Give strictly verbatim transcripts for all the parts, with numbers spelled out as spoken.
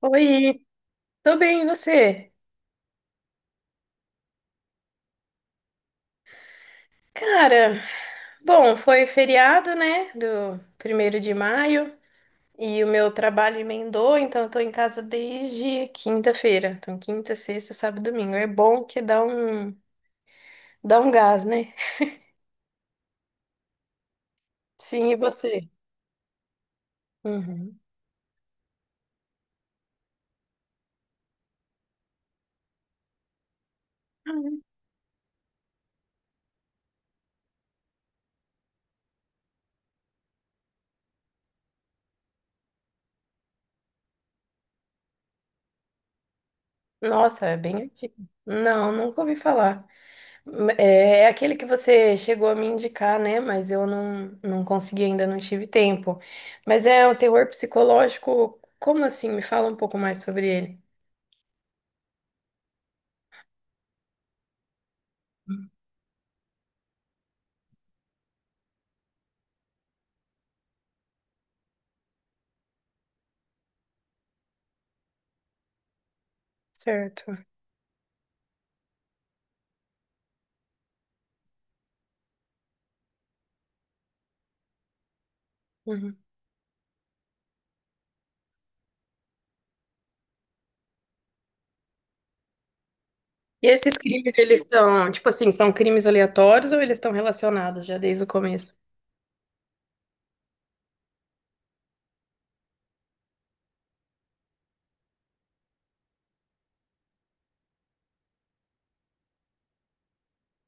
Oi, tô bem, e você? Cara, bom, foi feriado, né, do primeiro de maio, e o meu trabalho emendou, então eu tô em casa desde quinta-feira. Então, quinta, sexta, sábado, domingo. É bom que dá um, dá um gás, né? Sim, e você? Uhum. Nossa, é bem antigo. Não, nunca ouvi falar. É é aquele que você chegou a me indicar, né? Mas eu não, não consegui ainda, não tive tempo. Mas é o terror psicológico. Como assim? Me fala um pouco mais sobre ele. Certo. Uhum. E esses crimes, eles estão, tipo assim, são crimes aleatórios ou eles estão relacionados já desde o começo?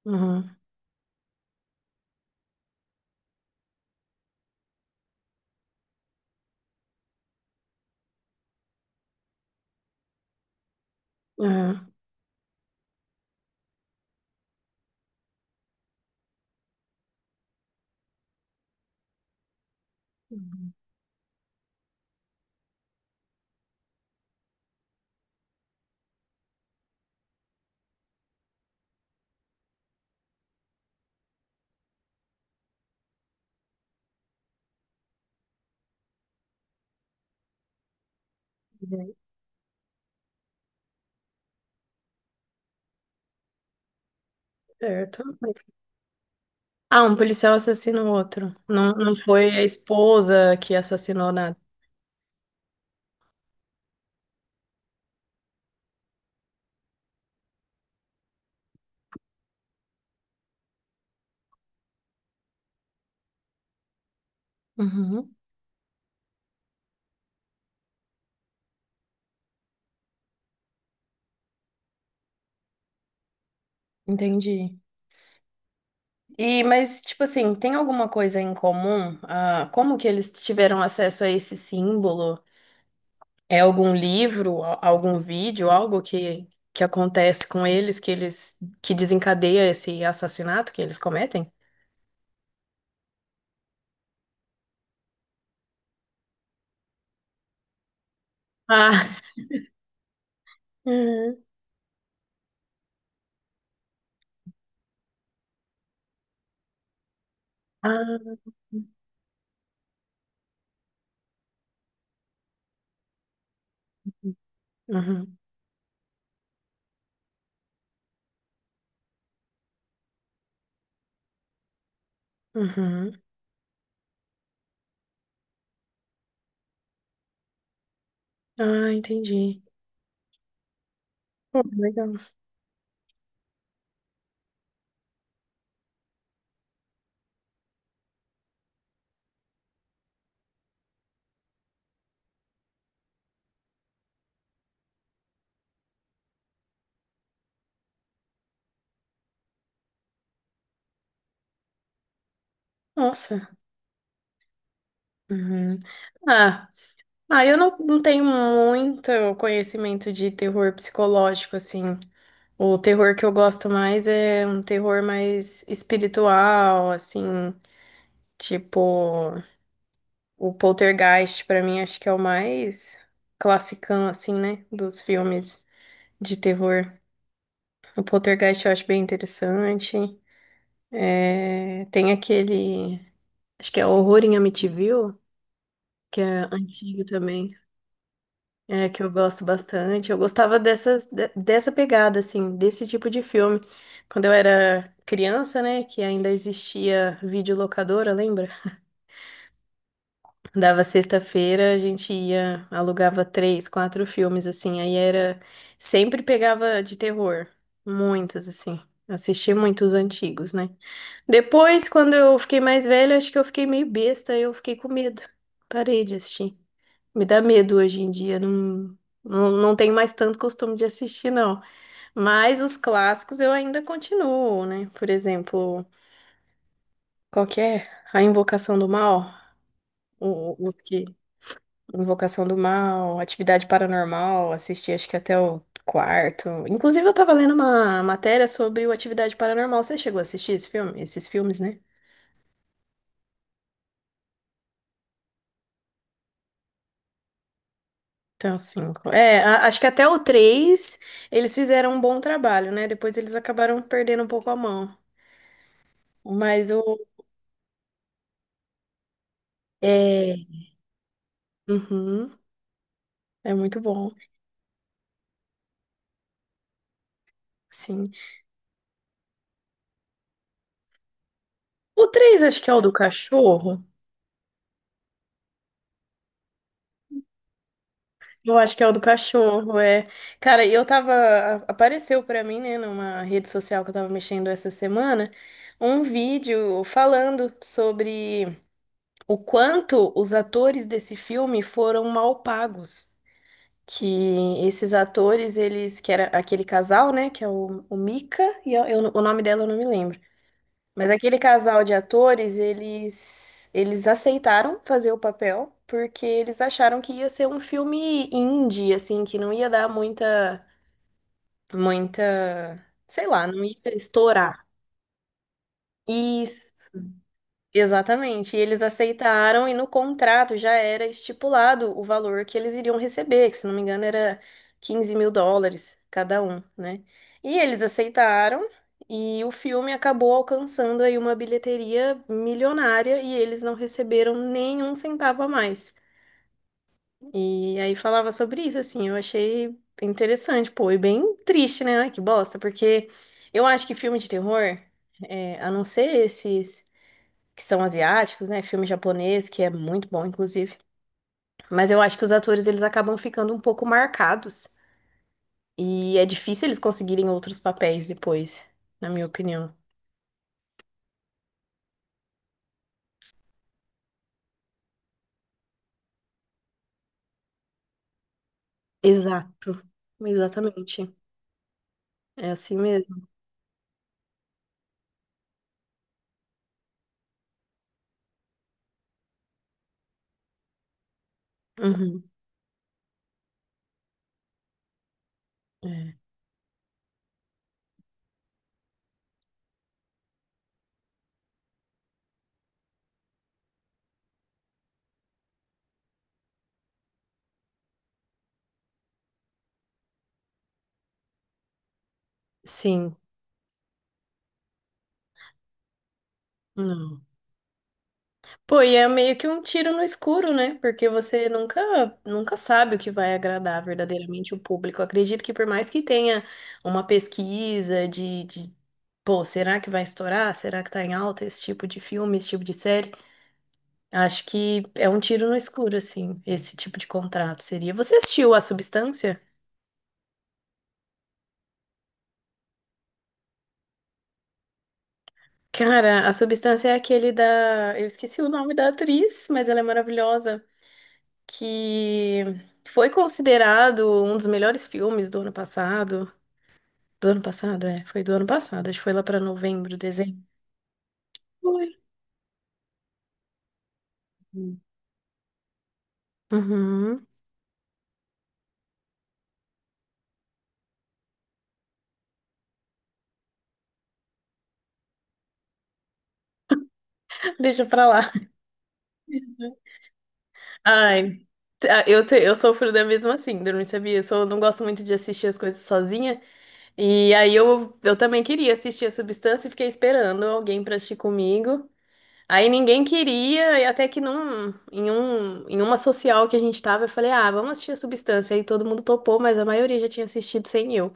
Uhum. Uhum. Uhum. Certo. Ah, um policial assassina o outro. Não, não foi a esposa que assassinou nada. Uhum. Entendi. E, mas, tipo assim, tem alguma coisa em comum? Ah, como que eles tiveram acesso a esse símbolo? É algum livro, a- algum vídeo, algo que, que acontece com eles, que eles, que desencadeia esse assassinato que eles cometem? Ah, uhum. Ah, uhum, uhum. Ah, entendi. Pô, legal. Nossa. Uhum. Ah, ah, eu não, não tenho muito conhecimento de terror psicológico, assim. O terror que eu gosto mais é um terror mais espiritual, assim, tipo o Poltergeist, pra mim acho que é o mais classicão, assim, né, dos filmes de terror. O Poltergeist eu acho bem interessante. É, tem aquele, acho que é Horror em Amityville, que é antigo também. É, que eu gosto bastante. Eu gostava dessas, de- dessa pegada, assim, desse tipo de filme. Quando eu era criança, né, que ainda existia videolocadora, lembra? Dava sexta-feira, a gente ia, alugava três, quatro filmes, assim. Aí era. Sempre pegava de terror. Muitos, assim. Assisti muitos antigos, né? Depois, quando eu fiquei mais velha, acho que eu fiquei meio besta, eu fiquei com medo. Parei de assistir. Me dá medo hoje em dia, não, não, não tenho mais tanto costume de assistir, não. Mas os clássicos eu ainda continuo, né? Por exemplo, qual que é? A Invocação do Mal, o, o que? Invocação do Mal, Atividade Paranormal, assisti acho que até o quarto. Inclusive eu tava lendo uma matéria sobre o Atividade Paranormal, você chegou a assistir esse filme? Esses filmes, né? Então, cinco. É, a- acho que até o três eles fizeram um bom trabalho, né? Depois eles acabaram perdendo um pouco a mão. Mas o. É, uhum, é muito bom, sim. O três acho que é o do cachorro. Eu acho que é o do cachorro, é. Cara, eu tava. Apareceu pra mim, né, numa rede social que eu tava mexendo essa semana, um vídeo falando sobre o quanto os atores desse filme foram mal pagos. Que esses atores, eles, que era aquele casal, né, que é o, o Mika, e eu- eu- o nome dela eu não me lembro. Mas aquele casal de atores, eles, eles aceitaram fazer o papel porque eles acharam que ia ser um filme indie, assim, que não ia dar muita, muita, sei lá, não ia estourar. E Exatamente, e eles aceitaram e no contrato já era estipulado o valor que eles iriam receber, que se não me engano era quinze mil dólares cada um, né? E eles aceitaram e o filme acabou alcançando aí uma bilheteria milionária e eles não receberam nenhum centavo a mais. E aí falava sobre isso, assim, eu achei interessante, pô, e bem triste, né? Ai, que bosta, porque eu acho que filme de terror, é, a não ser esses que são asiáticos, né? Filme japonês, que é muito bom, inclusive. Mas eu acho que os atores, eles acabam ficando um pouco marcados. E é difícil eles conseguirem outros papéis depois, na minha opinião. Exato. Exatamente. É assim mesmo. Uhum. É. Sim. Não. Pô, e é meio que um tiro no escuro, né? Porque você nunca, nunca sabe o que vai agradar verdadeiramente o público. Eu acredito que por mais que tenha uma pesquisa de, de, pô, será que vai estourar? Será que tá em alta esse tipo de filme, esse tipo de série? Acho que é um tiro no escuro, assim, esse tipo de contrato seria. Você assistiu A Substância? Cara, A Substância é aquele da. Eu esqueci o nome da atriz, mas ela é maravilhosa. Que foi considerado um dos melhores filmes do ano passado. Do ano passado, é, foi do ano passado, acho que foi lá pra novembro, dezembro. Foi. Uhum. Deixa pra lá. Ai, ah, eu, te- eu sofro da mesma síndrome, sabia? Eu sou- não gosto muito de assistir as coisas sozinha. E aí eu, eu também queria assistir a Substância e fiquei esperando alguém pra assistir comigo. Aí ninguém queria, e até que num, em, um, em uma social que a gente tava, eu falei, ah, vamos assistir a Substância. Aí todo mundo topou, mas a maioria já tinha assistido sem eu.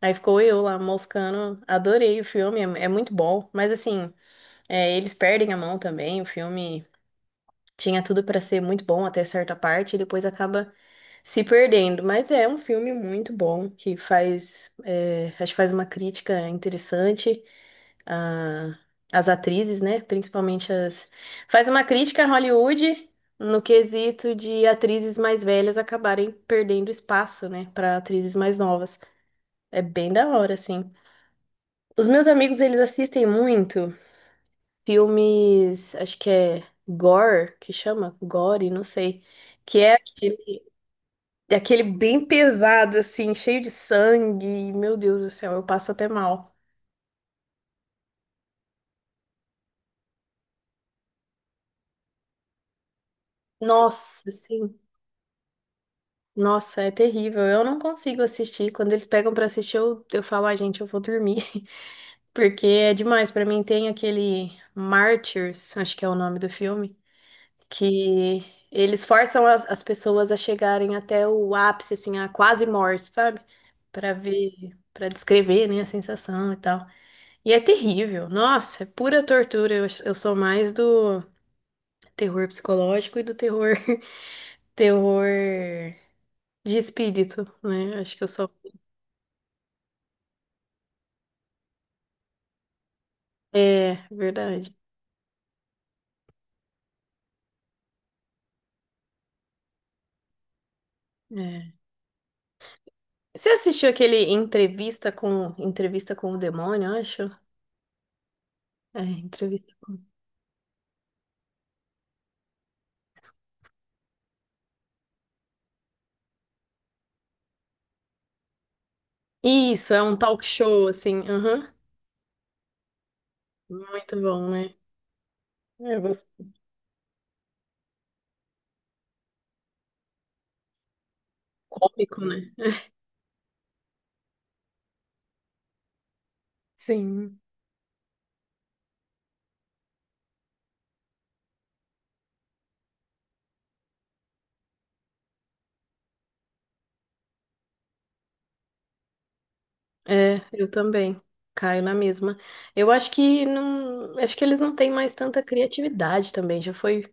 Aí ficou eu lá moscando, adorei o filme, é, é muito bom. Mas assim, é, eles perdem a mão também, o filme tinha tudo pra ser muito bom até certa parte, e depois acaba se perdendo. Mas é um filme muito bom, que faz, é, acho que faz uma crítica interessante a- as atrizes, né? Principalmente as. Faz uma crítica a Hollywood no quesito de atrizes mais velhas acabarem perdendo espaço, né, para atrizes mais novas. É bem da hora, assim. Os meus amigos, eles assistem muito filmes, acho que é gore, que chama? Gore, não sei. Que é aquele, é aquele bem pesado, assim, cheio de sangue. Meu Deus do céu, eu passo até mal. Nossa, sim. Nossa, é terrível. Eu não consigo assistir. Quando eles pegam pra assistir, eu, eu falo, ai, gente, eu vou dormir. Porque é demais. Pra mim, tem aquele Martyrs, acho que é o nome do filme, que eles forçam as, as pessoas a chegarem até o ápice, assim, a quase morte, sabe? Pra ver, pra descrever, né, a sensação e tal. E é terrível. Nossa, é pura tortura. Eu, eu sou mais do terror psicológico e do terror, terror de espírito, né? Acho que eu sou. É, verdade. É. Você assistiu aquele entrevista com entrevista com o demônio, eu acho? É, entrevista. Isso, é um talk show assim. Aham. Muito bom, né? É bom- Cômico, né? Sim. É, eu também. Caio na mesma. Eu acho que não, acho que eles não têm mais tanta criatividade também. Já foi,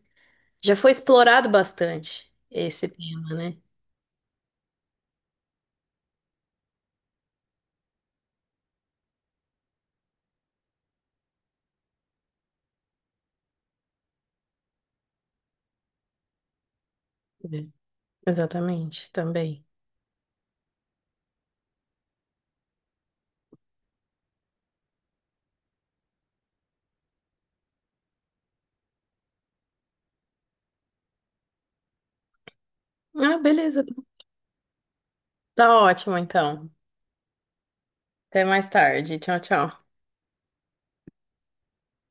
já foi explorado bastante esse tema, né? É. Exatamente, também. Ah, beleza. Tá ótimo, então. Até mais tarde. Tchau, tchau.